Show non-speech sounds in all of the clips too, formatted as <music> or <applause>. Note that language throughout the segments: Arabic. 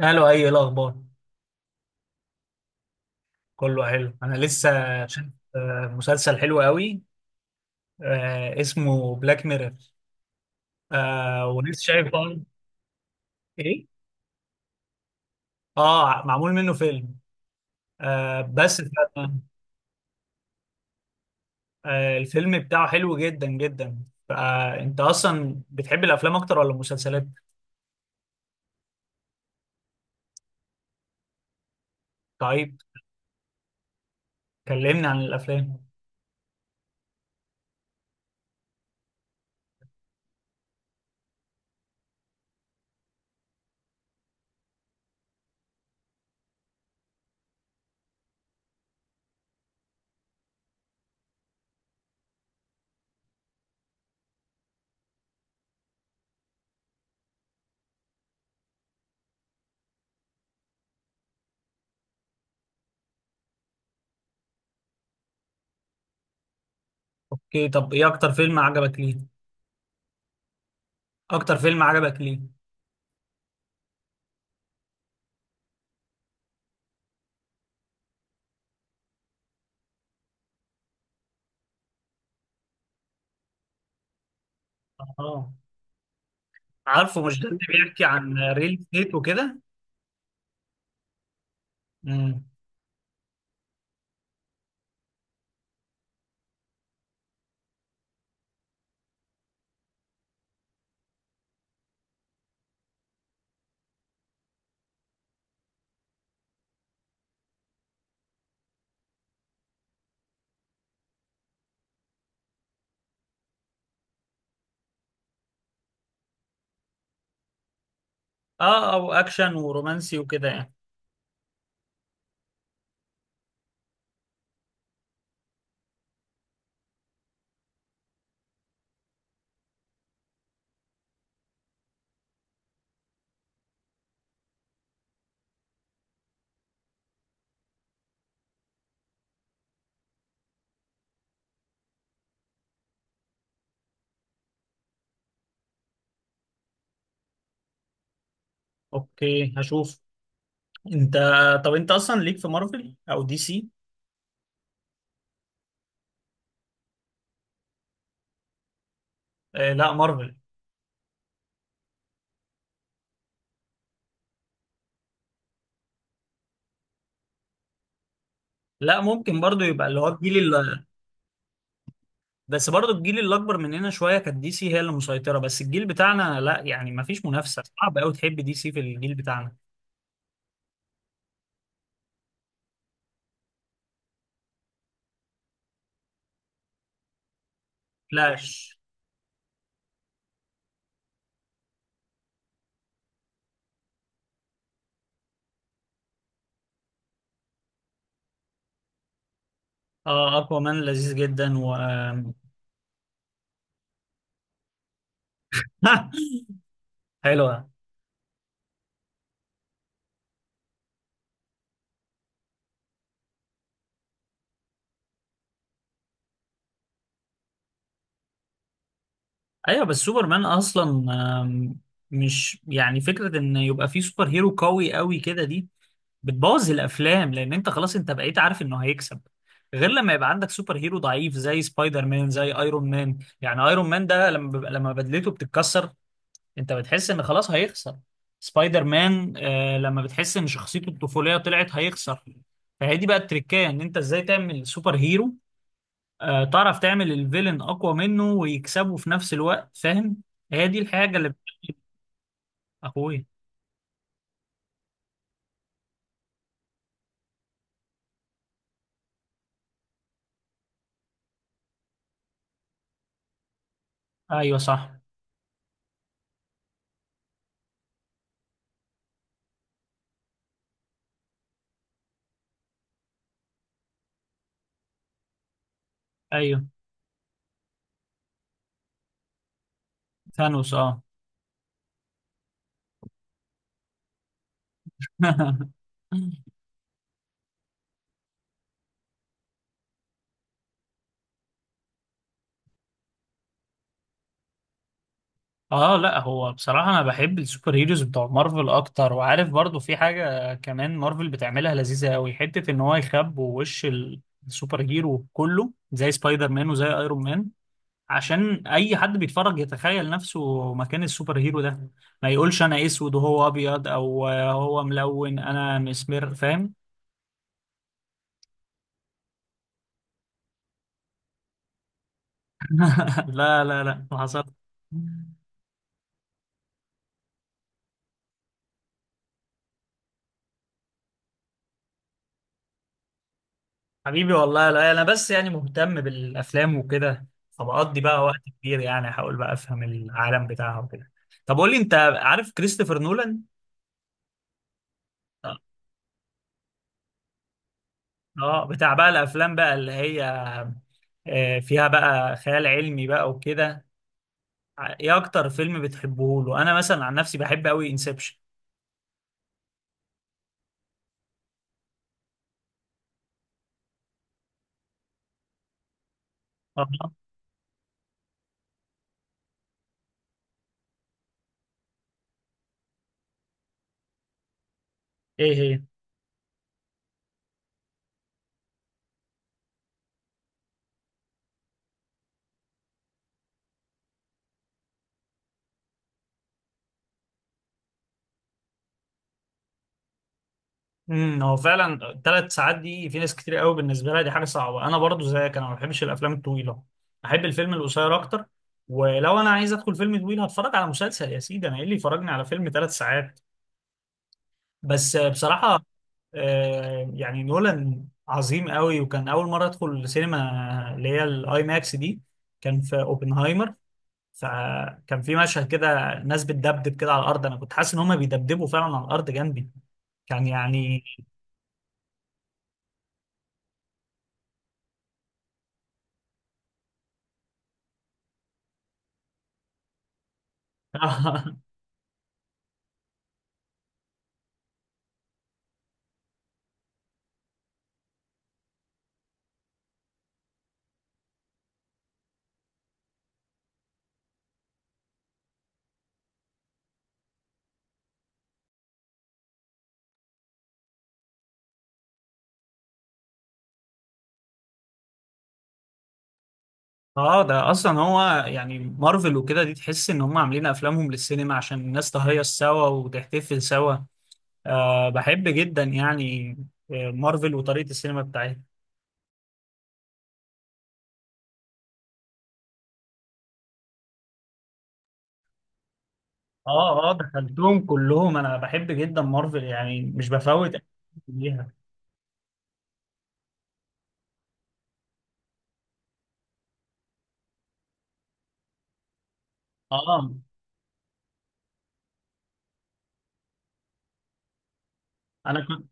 قالوا إيه الاخبار؟ كله حلو، انا لسه شايف مسلسل حلو قوي. اسمه بلاك ميرور. ولسه شايف ايه. اه، معمول منه فيلم. بس الفيلم بتاعه حلو جدا جدا. فانت اصلا بتحب الافلام اكتر ولا المسلسلات؟ طيب. كلمني عن الافلام. اوكي، طب ايه اكتر فيلم عجبك ليه؟ اكتر فيلم عجبك ليه؟ اه، عارفه مش ده اللي بيحكي عن ريل ستيت وكده؟ اه، او اكشن ورومانسي وكده يعني. اوكي، هشوف. انت طب انت اصلا ليك في مارفل او دي سي؟ لا، مارفل. لا، ممكن برضو يبقى اللي هو الجيل اللي. بس برضو الجيل اللي اكبر مننا شويه كانت دي سي هي اللي مسيطره. بس الجيل بتاعنا لا، يعني ما فيش منافسه، صعب قوي تحب دي سي في الجيل بتاعنا. فلاش. اه، اقوى مان لذيذ جدا و. <laughs> حلوه. ايوه، بس سوبرمان اصلا آم، مش يعني فكره ان يبقى فيه سوبر هيرو قوي قوي كده دي بتبوظ الافلام، لان انت خلاص انت بقيت عارف انه هيكسب. غير لما يبقى عندك سوبر هيرو ضعيف زي سبايدر مان زي ايرون مان. يعني ايرون مان ده لما لما بدلته بتتكسر، انت بتحس ان خلاص هيخسر. سبايدر مان لما بتحس ان شخصيته الطفوليه طلعت هيخسر. فهي دي بقى التركية، ان انت ازاي تعمل سوبر هيرو تعرف تعمل الفيلن اقوى منه ويكسبه في نفس الوقت، فاهم؟ هي دي الحاجه اللي. اخويا. ايوه، صح. ايوه، ثانوس، اه. <laughs> اه، لا هو بصراحة انا بحب السوبر هيروز بتوع مارفل اكتر. وعارف برضو في حاجة كمان مارفل بتعملها لذيذة قوي، حتة ان هو يخبوا وش السوبر هيرو كله زي سبايدر مان وزي ايرون مان، عشان اي حد بيتفرج يتخيل نفسه مكان السوبر هيرو ده، ما يقولش انا اسود وهو ابيض، او هو ملون انا مسمر، فاهم؟ <laughs> لا، لا، لا، ما حصل. حبيبي والله، لا انا بس يعني مهتم بالافلام وكده، فبقضي بقى وقت كبير، يعني احاول بقى افهم العالم بتاعها وكده. طب قول لي، انت عارف كريستوفر نولان؟ اه. بتاع بقى الافلام بقى اللي هي فيها بقى خيال علمي بقى وكده. ايه اكتر فيلم بتحبه له؟ انا مثلا عن نفسي بحب قوي انسبشن. اه، ايه هي؟ هو فعلا 3 ساعات دي في ناس كتير قوي بالنسبه لها دي حاجه صعبه. انا برضو زيك، انا ما بحبش الافلام الطويله. احب الفيلم القصير اكتر. ولو انا عايز ادخل فيلم طويل هتفرج على مسلسل يا سيدي، انا ايه اللي يفرجني على فيلم 3 ساعات؟ بس بصراحه يعني نولان عظيم قوي. وكان اول مره ادخل السينما اللي هي الاي ماكس دي، كان في اوبنهايمر. فكان في مشهد كده ناس بتدبدب كده على الارض، انا كنت حاسس ان هم بيدبدبوا فعلا على الارض جنبي. كان يعني. <laughs> اه، ده اصلا هو يعني مارفل وكده دي تحس ان هم عاملين افلامهم للسينما عشان الناس تهيص سوا وتحتفل سوا. أه، بحب جدا يعني مارفل وطريقة السينما بتاعتها. اه، اه، دخلتهم كلهم. انا بحب جدا مارفل يعني مش بفوت ليها. اه، انا كنت.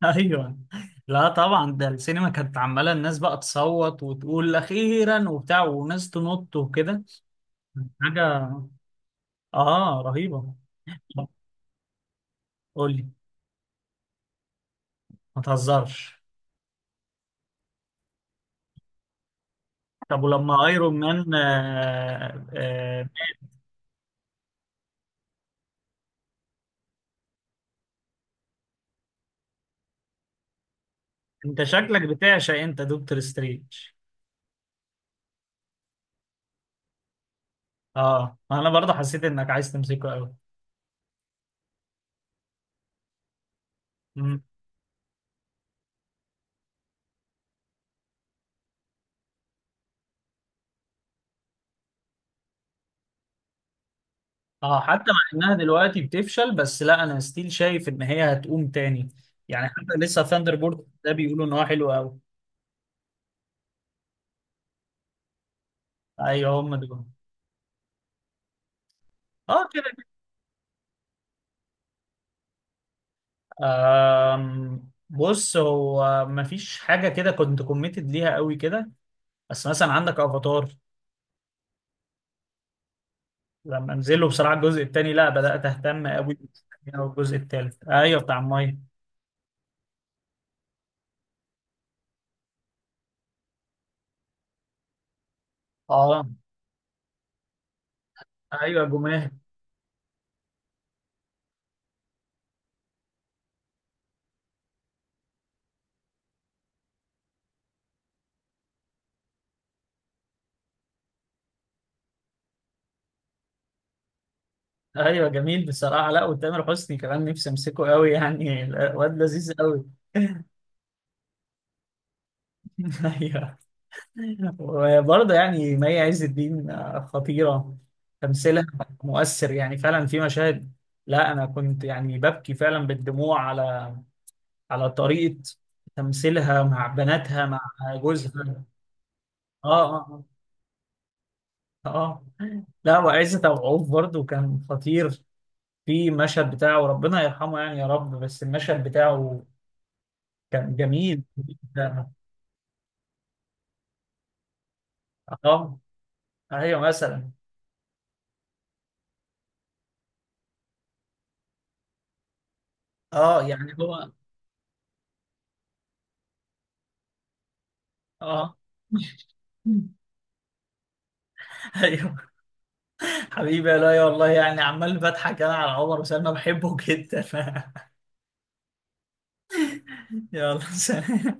<laughs> ايوه. لا طبعا، ده السينما كانت عماله الناس بقى تصوت وتقول اخيرا وبتاع، وناس تنط وكده. حاجه اه رهيبه. قول لي. ما تهزرش. طب ولما ايرون مان انت شكلك بتعشق، انت، دكتور سترينج. اه، انا برضه حسيت انك عايز تمسكه قوي. مم. اه، حتى مع انها دلوقتي بتفشل، بس لا انا ستيل شايف ان هي هتقوم تاني. يعني حتى لسه ثاندر بورد ده بيقولوا ان هو حلو قوي. ايوه، هم دول. اه، كده كده. بص هو مفيش حاجه كده كنت كوميتد ليها قوي كده. بس مثلا عندك افاتار، لما انزله بصراحه الجزء الثاني، لا بدات اهتم قوي. الجزء الثالث ايوه، بتاع الميه. اه، ايوه، جمال. ايوه، جميل بصراحه. لا وتامر حسني كمان نفسي امسكه قوي يعني الواد لذيذ قوي. <laughs> ايوه. وبرضه يعني مي عز الدين خطيره تمثيلها مؤثر، يعني فعلا في مشاهد. لا انا كنت يعني ببكي فعلا بالدموع على طريقه تمثيلها مع بناتها مع جوزها. اه. اه. آه. اه. لا، وعزت أبو عوف برضه كان خطير. في مشهد بتاعه ربنا يرحمه، يعني يا رب، بس المشهد بتاعه كان جميل جدا. اه، ايوه، مثلا. اه، يعني هو. اه. <laughs> ايوه. حبيبي يا لؤي، والله يعني عمال بضحك انا على عمر وسلمى، بحبه جدا. <laughs> يلا سلام.